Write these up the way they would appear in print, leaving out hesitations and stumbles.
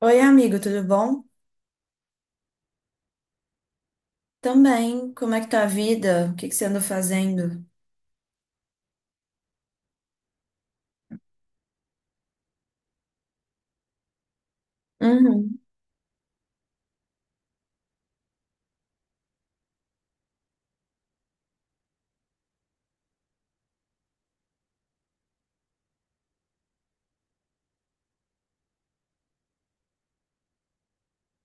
Oi, amigo, tudo bom? Também, como é que tá a vida? O que que você anda fazendo? Uhum.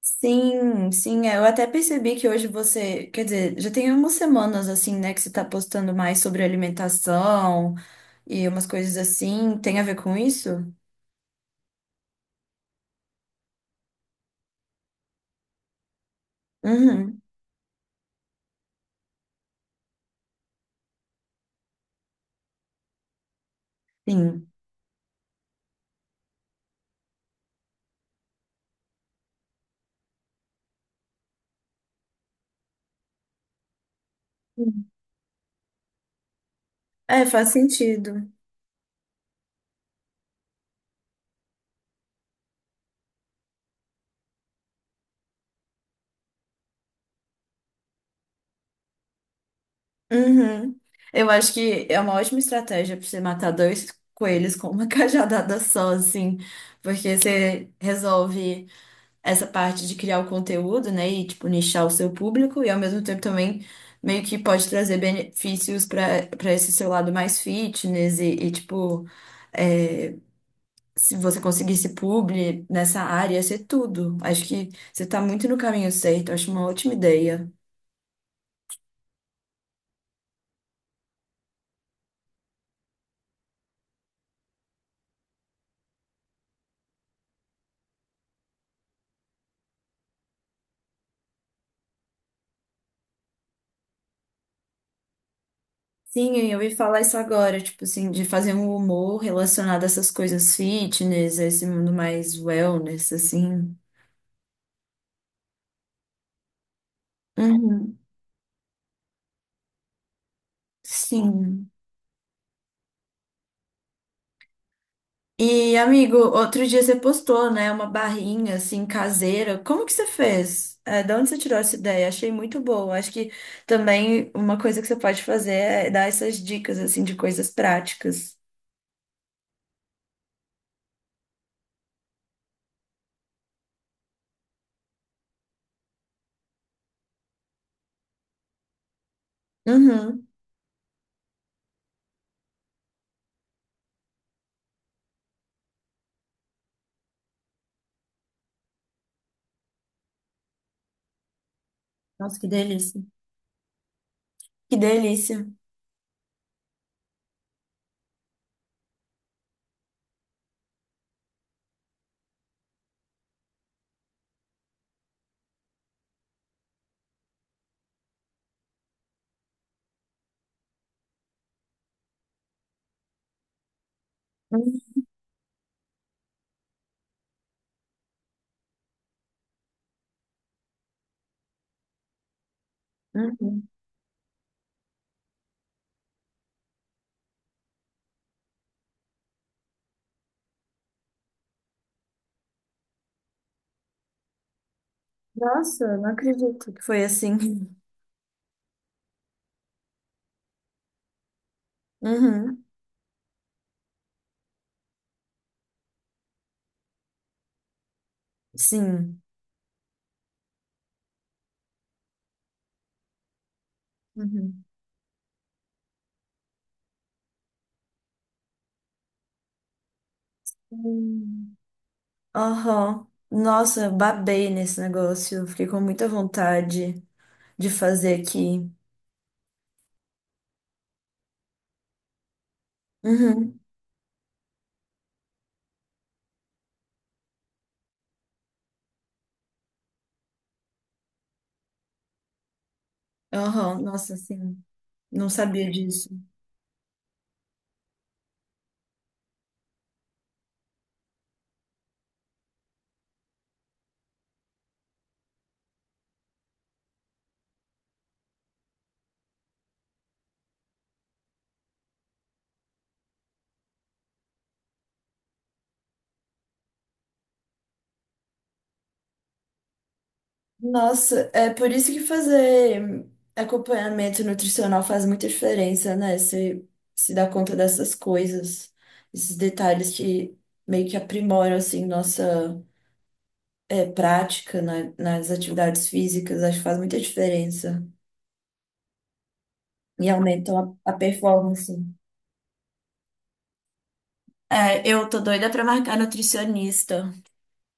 Sim, sim, é, eu até percebi que hoje você, quer dizer, já tem umas semanas assim, né, que você tá postando mais sobre alimentação e umas coisas assim, tem a ver com isso? Uhum, sim. Sim. É, faz sentido. Uhum. Eu acho que é uma ótima estratégia para você matar dois coelhos com uma cajadada só, assim, porque você resolve essa parte de criar o conteúdo, né, e tipo nichar o seu público e ao mesmo tempo também meio que pode trazer benefícios para esse seu lado mais fitness e, tipo é, se você conseguisse publi nessa área, ia ser tudo. Acho que você tá muito no caminho certo, acho uma ótima ideia. Sim, eu ia falar isso agora, tipo assim, de fazer um humor relacionado a essas coisas fitness, a esse mundo mais wellness, assim. Uhum, sim. E, amigo, outro dia você postou, né, uma barrinha assim caseira. Como que você fez? É, de onde você tirou essa ideia? Achei muito boa. Acho que também uma coisa que você pode fazer é dar essas dicas assim de coisas práticas. Uhum. Nossa, que delícia. Que delícia. Uhum. Uhum. Nossa, não acredito. Que foi assim. Uhum. Sim. Uhum. Hum. Aham. Nossa, babei nesse negócio. Fiquei com muita vontade de fazer aqui. Uhum. Aham, nossa, assim, não sabia disso. Nossa, é por isso que fazer acompanhamento nutricional faz muita diferença, né? Você se dá conta dessas coisas, esses detalhes que meio que aprimoram, assim, nossa é, prática na- nas atividades físicas, acho que faz muita diferença e aumentam a performance. É, eu tô doida pra marcar nutricionista.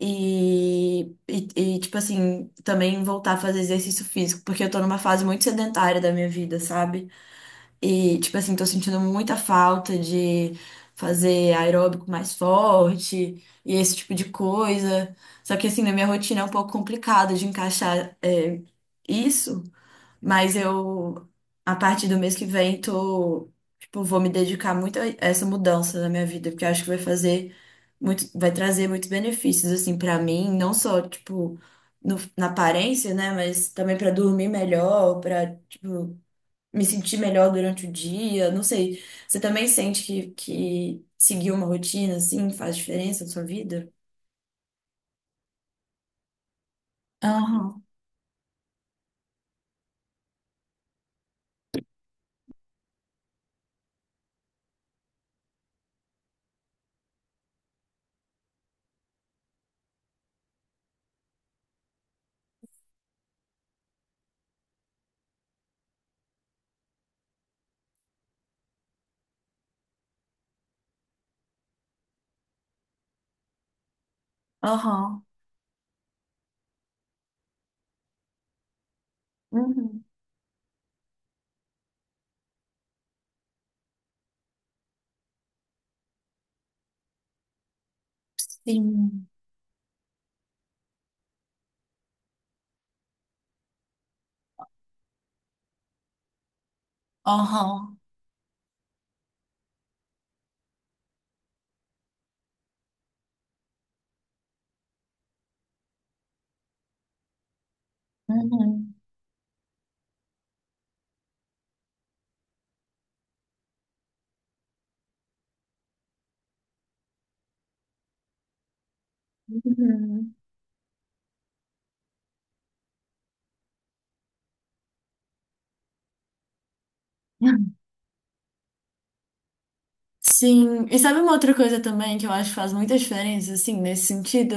E, e, e tipo assim, também voltar a fazer exercício físico, porque eu tô numa fase muito sedentária da minha vida, sabe? E, tipo assim, tô sentindo muita falta de fazer aeróbico mais forte e esse tipo de coisa. Só que, assim, na minha rotina é um pouco complicado de encaixar, é, isso. Mas eu, a partir do mês que vem, tô, tipo, vou me dedicar muito a essa mudança na minha vida, porque eu acho que vai fazer muito, vai trazer muitos benefícios, assim, pra mim, não só, tipo, no- na aparência, né, mas também pra dormir melhor, pra, tipo, me sentir melhor durante o dia, não sei. Você também sente que seguir uma rotina, assim, faz diferença na sua vida? Aham, aham, uhum, sim, aham, uhum, uhum. Sim, e sabe uma outra coisa também que eu acho que faz muita diferença, assim, nesse sentido,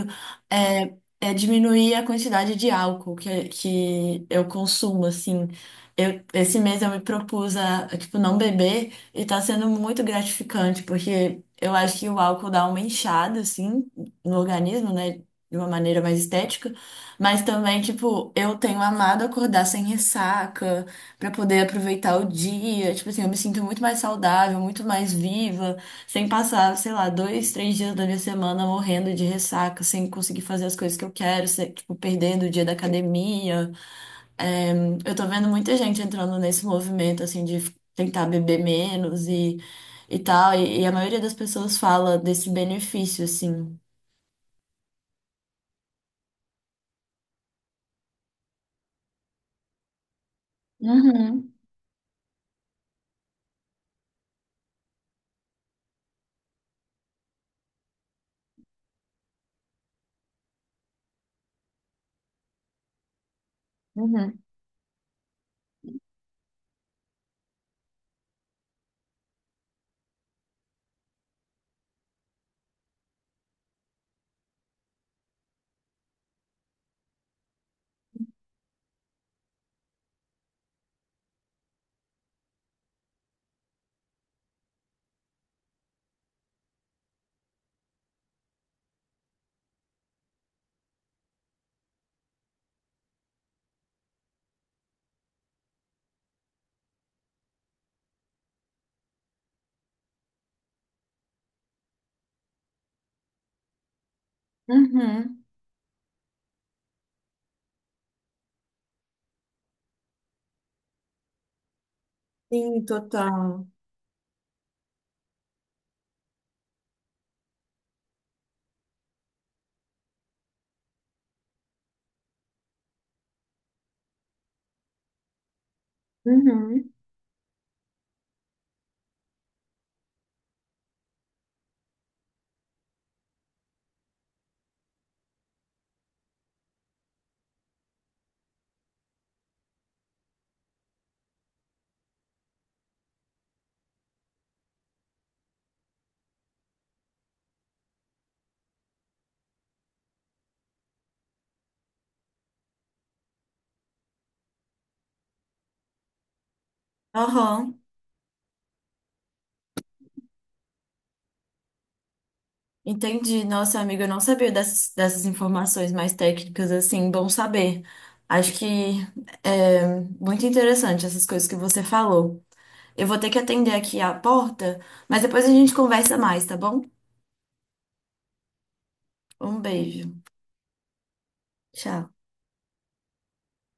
é, é diminuir a quantidade de álcool que eu consumo, assim. Eu, esse mês eu me propus a, tipo, não beber e tá sendo muito gratificante, porque eu acho que o álcool dá uma inchada, assim, no organismo, né, de uma maneira mais estética, mas também, tipo, eu tenho amado acordar sem ressaca, pra poder aproveitar o dia. Tipo assim, eu me sinto muito mais saudável, muito mais viva, sem passar, sei lá, dois, três dias da minha semana morrendo de ressaca, sem conseguir fazer as coisas que eu quero, sem- tipo, perdendo o dia da academia. É, eu tô vendo muita gente entrando nesse movimento, assim, de f- tentar beber menos e tal, e a maioria das pessoas fala desse benefício, assim. Uhum, uhum, uhum. Sim, total. Uhum. Aham. Entendi. Nossa, amiga, eu não sabia dessas informações mais técnicas, assim, bom saber. Acho que é muito interessante essas coisas que você falou. Eu vou ter que atender aqui a porta, mas depois a gente conversa mais, tá bom? Um beijo. Tchau.